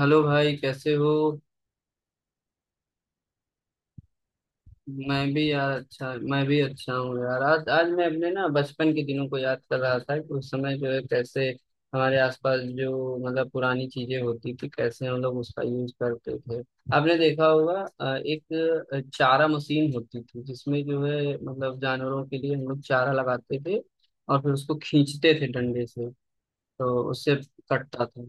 Hello भाई, कैसे हो? मैं भी यार, अच्छा, मैं भी अच्छा हूँ यार। आज आज मैं अपने ना बचपन के दिनों को याद कर रहा था, कि उस समय जो है कैसे हमारे आसपास जो मतलब पुरानी चीजें होती थी, कैसे हम लोग उसका यूज करते थे। आपने देखा होगा, एक चारा मशीन होती थी जिसमें जो है मतलब जानवरों के लिए हम लोग चारा लगाते थे, और फिर उसको खींचते थे डंडे से। तो उससे कटता था।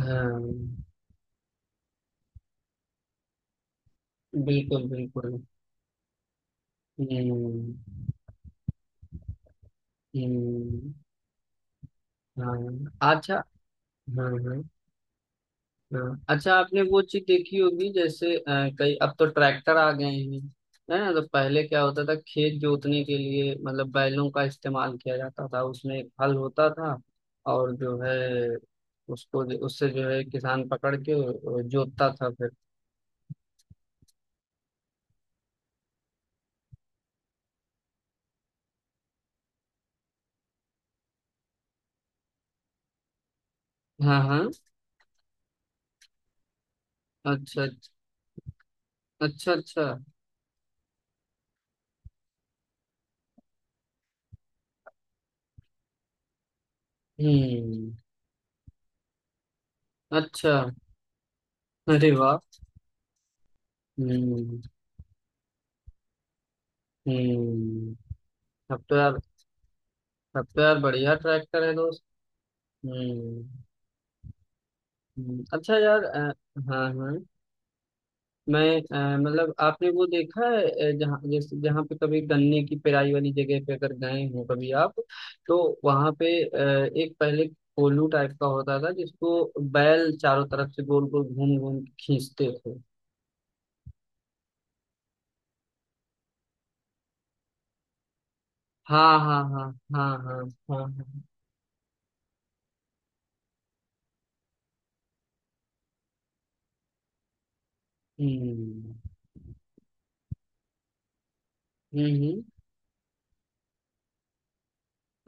हाँ। बिल्कुल बिल्कुल। हम्म। हम्म। हाँ। अच्छा। हाँ हाँ हाँ। अच्छा, आपने वो चीज देखी होगी, जैसे कई अब तो ट्रैक्टर आ गए हैं, है ना? तो पहले क्या होता था, खेत जोतने के लिए मतलब बैलों का इस्तेमाल किया जाता था, उसमें एक हल होता था। और जो है उसको उससे जो है किसान पकड़ के जोतता था फिर। हाँ हाँ। अच्छा अच्छा। अच्छा अच्छा। हम्म। अच्छा। अरे वाह। हम्म। हम्म। अब तो यार, अब तो यार बढ़िया ट्रैक्टर है दोस्त। हम्म। अच्छा यार, हाँ हाँ। मैं, मतलब आपने वो देखा है, जहाँ जैसे जहाँ पे कभी गन्ने की पेराई वाली जगह पे अगर गए हो कभी आप, तो वहाँ पे एक पहले कोल्हू टाइप का होता था जिसको बैल चारों तरफ से गोल गोल घूम घूम के खींचते थे। हाँ हाँ हाँ हाँ। हाँ हाँ हाँ। हम्म। हम्म। हम्म।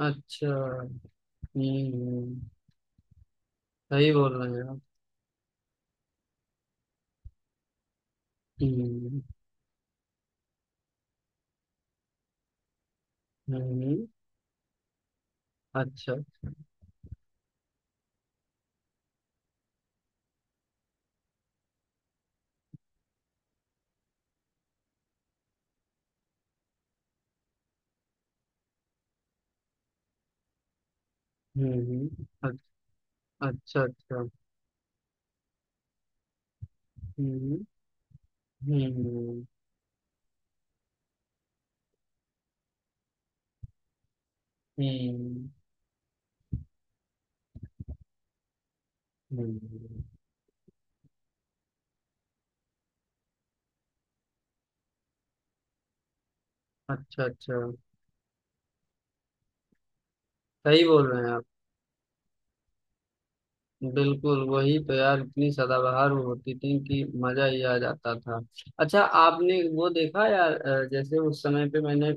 अच्छा। हम्म। हम्म। सही बोल रहे हैं आप। हम्म। हम्म। हम्म। अच्छा। हम्म। अच्छा अच्छा। हम्म। हम्म। हम्म। हम्म, हम्म, हम्म, अच्छा अच्छा। सही बोल रहे हैं आप। बिल्कुल, वही तो यार, इतनी सदाबहार वो होती थी कि मजा ही आ जाता था। अच्छा, आपने वो देखा यार, जैसे उस समय पे मैंने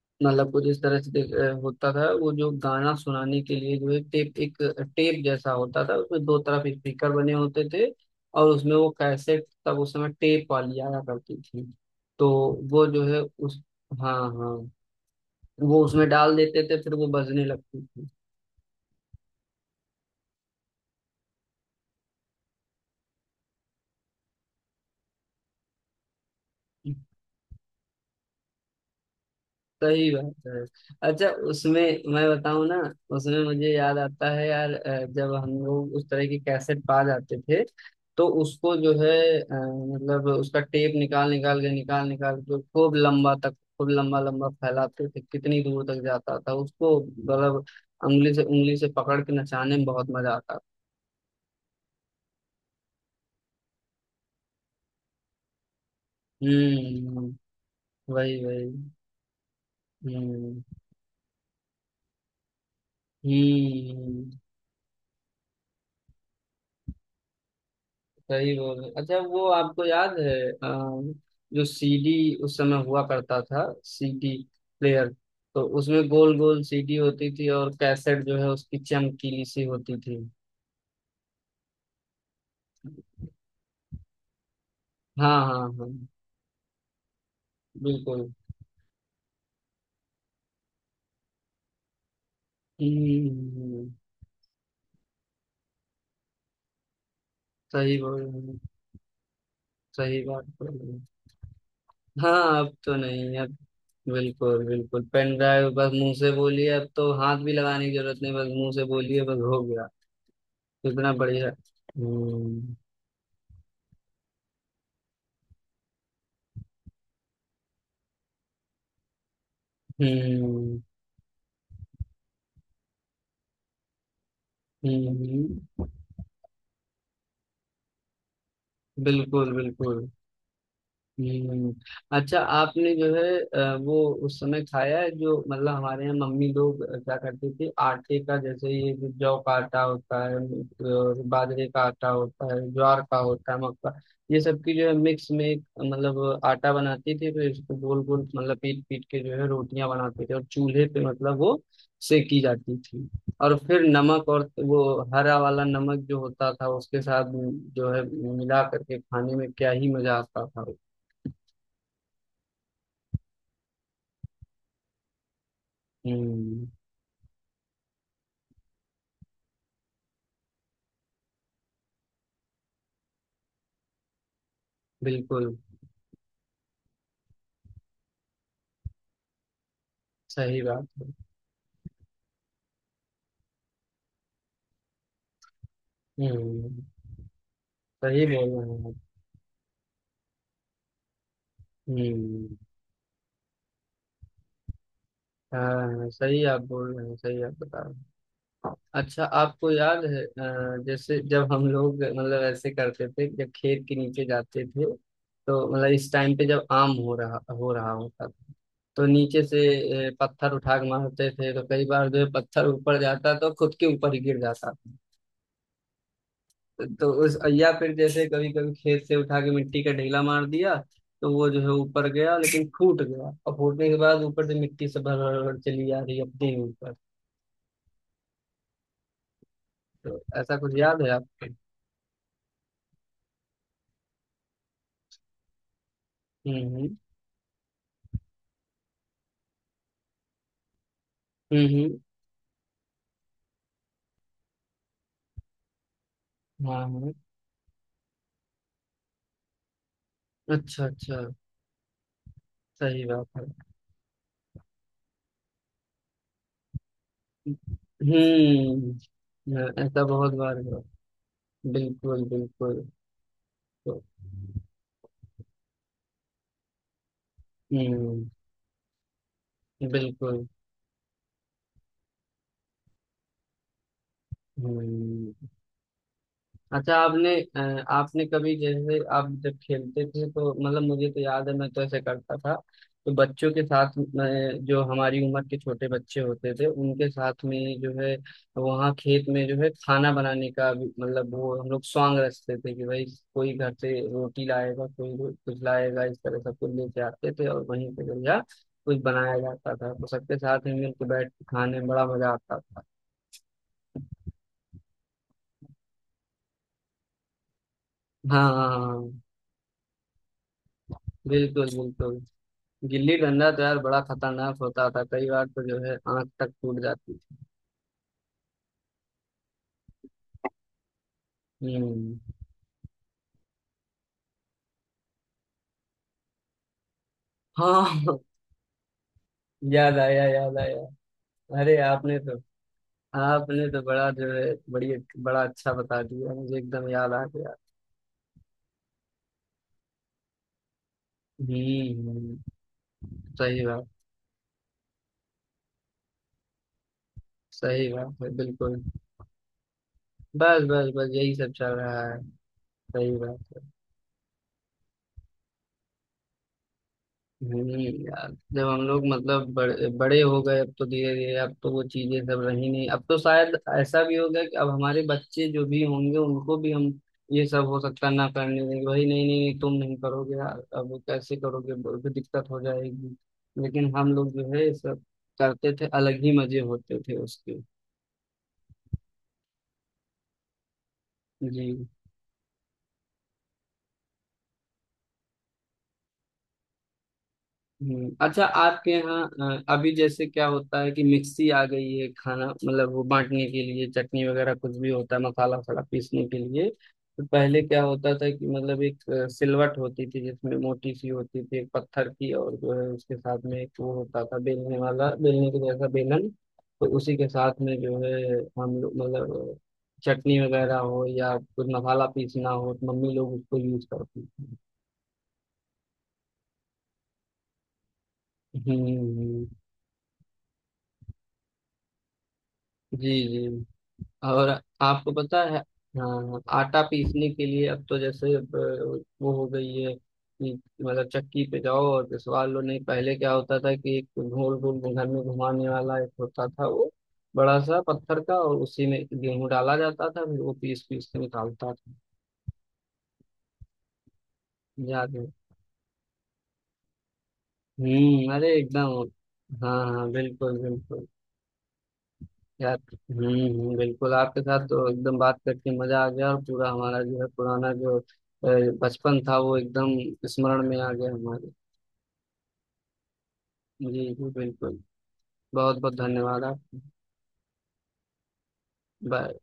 मतलब कुछ इस तरह से होता था वो, जो गाना सुनाने के लिए जो है टेप, एक टेप जैसा होता था, उसमें दो तरफ स्पीकर बने होते थे। और उसमें वो कैसेट, तब उस समय टेप वाली आया करती थी। तो वो जो है उस, हाँ हाँ, वो उसमें डाल देते थे फिर वो बजने लगती थी। सही बात है। अच्छा, उसमें, मैं बताऊं ना, उसमें मुझे याद आता है यार, जब हम लोग उस तरह की कैसेट पा जाते थे, तो उसको जो है मतलब उसका टेप निकाल निकाल के खूब लंबा तक, खूब लंबा लंबा फैलाते थे, कितनी दूर तक जाता था उसको, मतलब उंगली से पकड़ के नचाने में बहुत मजा आता था। हम्म। वही वही। हम्म। हम्म। सही बोल रहे। अच्छा, वो आपको याद है, जो सीडी उस समय हुआ करता था, सीडी प्लेयर? तो उसमें गोल गोल सीडी होती थी, और कैसेट जो है उसकी चमकीली सी होती थी। हाँ हाँ हाँ। बिल्कुल। हम्म। सही बोल रहे हैं, सही बात बोल रहे हैं। हाँ, अब तो नहीं। अब बिल्कुल बिल्कुल, पेन ड्राइव, बस मुंह से बोलिए, अब तो हाथ भी लगाने की जरूरत नहीं, बस मुंह से बोलिए, बस हो गया। इतना बढ़िया। हम्म। हम्म। हम्म। बिल्कुल बिल्कुल। हम्म। अच्छा, आपने जो है वो उस समय खाया है, जो मतलब हमारे यहाँ मम्मी लोग क्या करती थी, आटे का, जैसे ये जो जौ का आटा होता है, और बाजरे का आटा होता है, ज्वार का होता है, मक्का, ये सब की जो है मिक्स में, एक, मतलब आटा बनाती थी, फिर इसको गोल गोल, मतलब पीट पीट के जो है रोटियां बनाते थे, और चूल्हे पे मतलब वो सेकी जाती थी। और फिर नमक और वो हरा वाला नमक जो होता था उसके साथ जो है मिला करके खाने में क्या ही मजा आता था। हम्म। बिल्कुल। सही बात है। हम्म। सही बोल रहे हैं आप। हम्म। हाँ, सही आप बोल रहे हैं, सही आप बता रहे हैं। अच्छा, आपको याद है, जैसे जब हम लोग मतलब ऐसे करते थे, जब खेत के नीचे जाते थे, तो मतलब इस टाइम पे जब आम हो रहा होता था, तो नीचे से पत्थर उठा के मारते थे, तो कई बार जो है पत्थर ऊपर जाता तो खुद के ऊपर ही गिर जाता। तो उस, या फिर जैसे कभी कभी खेत से उठा के मिट्टी का ढेला मार दिया, तो वो जो है ऊपर गया लेकिन फूट गया, और फूटने के बाद ऊपर से मिट्टी से भर भर भर चली आ रही है अपने ही ऊपर। तो ऐसा कुछ याद है आपको? हम्म। हम्म। हम्म। हाँ हाँ। अच्छा अच्छा। सही बात है। हम्म। हाँ, ऐसा बहुत बार हुआ। बिल्कुल बिल्कुल। तो हम्म। बिल्कुल। हम्म। अच्छा, आपने कभी, जैसे आप जब खेलते थे, तो मतलब मुझे तो याद है, मैं तो ऐसे करता था, तो बच्चों के साथ में जो हमारी उम्र के छोटे बच्चे होते थे उनके साथ में जो है वहाँ खेत में जो है खाना बनाने का भी, मतलब वो हम लोग सॉन्ग रचते थे कि भाई, कोई घर से रोटी लाएगा, कोई कुछ लाएगा, इस तरह सब कुछ लेके आते थे, और वहीं पे जो है कुछ बनाया जाता था, तो सबके साथ में मिलकर बैठ के खाने में बड़ा मजा आता था। हाँ हाँ हाँ हाँ, बिल्कुल बिल्कुल। गिल्ली डंडा तो यार बड़ा खतरनाक होता था, कई बार तो जो है आंख तक टूट जाती थी। हम्म। हाँ। याद आया याद आया। अरे, आपने तो बड़ा जो है, बड़ी, बड़ा अच्छा बता दिया मुझे, एकदम याद आ गया। हम्म। सही बात सही बात है बिल्कुल। बस बस बस, यही सब चल रहा है। सही बात है। नहीं यार, जब हम लोग मतलब बड़े बड़े हो गए, अब तो धीरे धीरे, अब तो वो चीजें सब रही नहीं, अब तो शायद ऐसा भी हो गया कि अब हमारे बच्चे जो भी होंगे उनको भी हम ये सब हो सकता है ना करने देंगे, भाई नहीं नहीं नहीं तुम नहीं करोगे यार, अब कैसे करोगे, बहुत दिक्कत हो जाएगी। लेकिन हम लोग जो है ये सब करते थे, अलग ही मजे होते थे उसके। जी। अच्छा, आपके यहाँ अभी जैसे क्या होता है कि मिक्सी आ गई है, खाना मतलब वो बांटने के लिए, चटनी वगैरह कुछ भी होता है, मसाला वसाला पीसने के लिए। तो पहले क्या होता था कि मतलब एक सिलवट होती थी जिसमें मोटी सी होती थी एक पत्थर की, और जो है उसके साथ में एक वो होता था बेलने वाला, बेलने के जैसा बेलन। तो उसी के साथ में जो है हम लोग मतलब चटनी वगैरह हो या कुछ मसाला पीसना हो, तो मम्मी लोग उसको यूज करती थी। हम्म। जी जी। और आपको पता है, हाँ, आटा पीसने के लिए अब तो, जैसे अब, वो हो गई है कि मतलब चक्की पे जाओ और पिसवा लो। नहीं, पहले क्या होता था कि एक गोल गोल घर में घुमाने वाला एक होता था वो, बड़ा सा पत्थर का, और उसी में गेहूं डाला जाता था, फिर वो पीस पीस के निकालता था। याद है? हम्म। अरे एकदम। हाँ हाँ, बिल्कुल बिल्कुल यार। हम्म। बिल्कुल, आपके साथ तो एकदम बात करके मजा आ गया, और पूरा हमारा जो है पुराना जो बचपन था, वो एकदम स्मरण में आ गया हमारे। जी जी। बिल्कुल। बहुत बहुत धन्यवाद आप। बाय।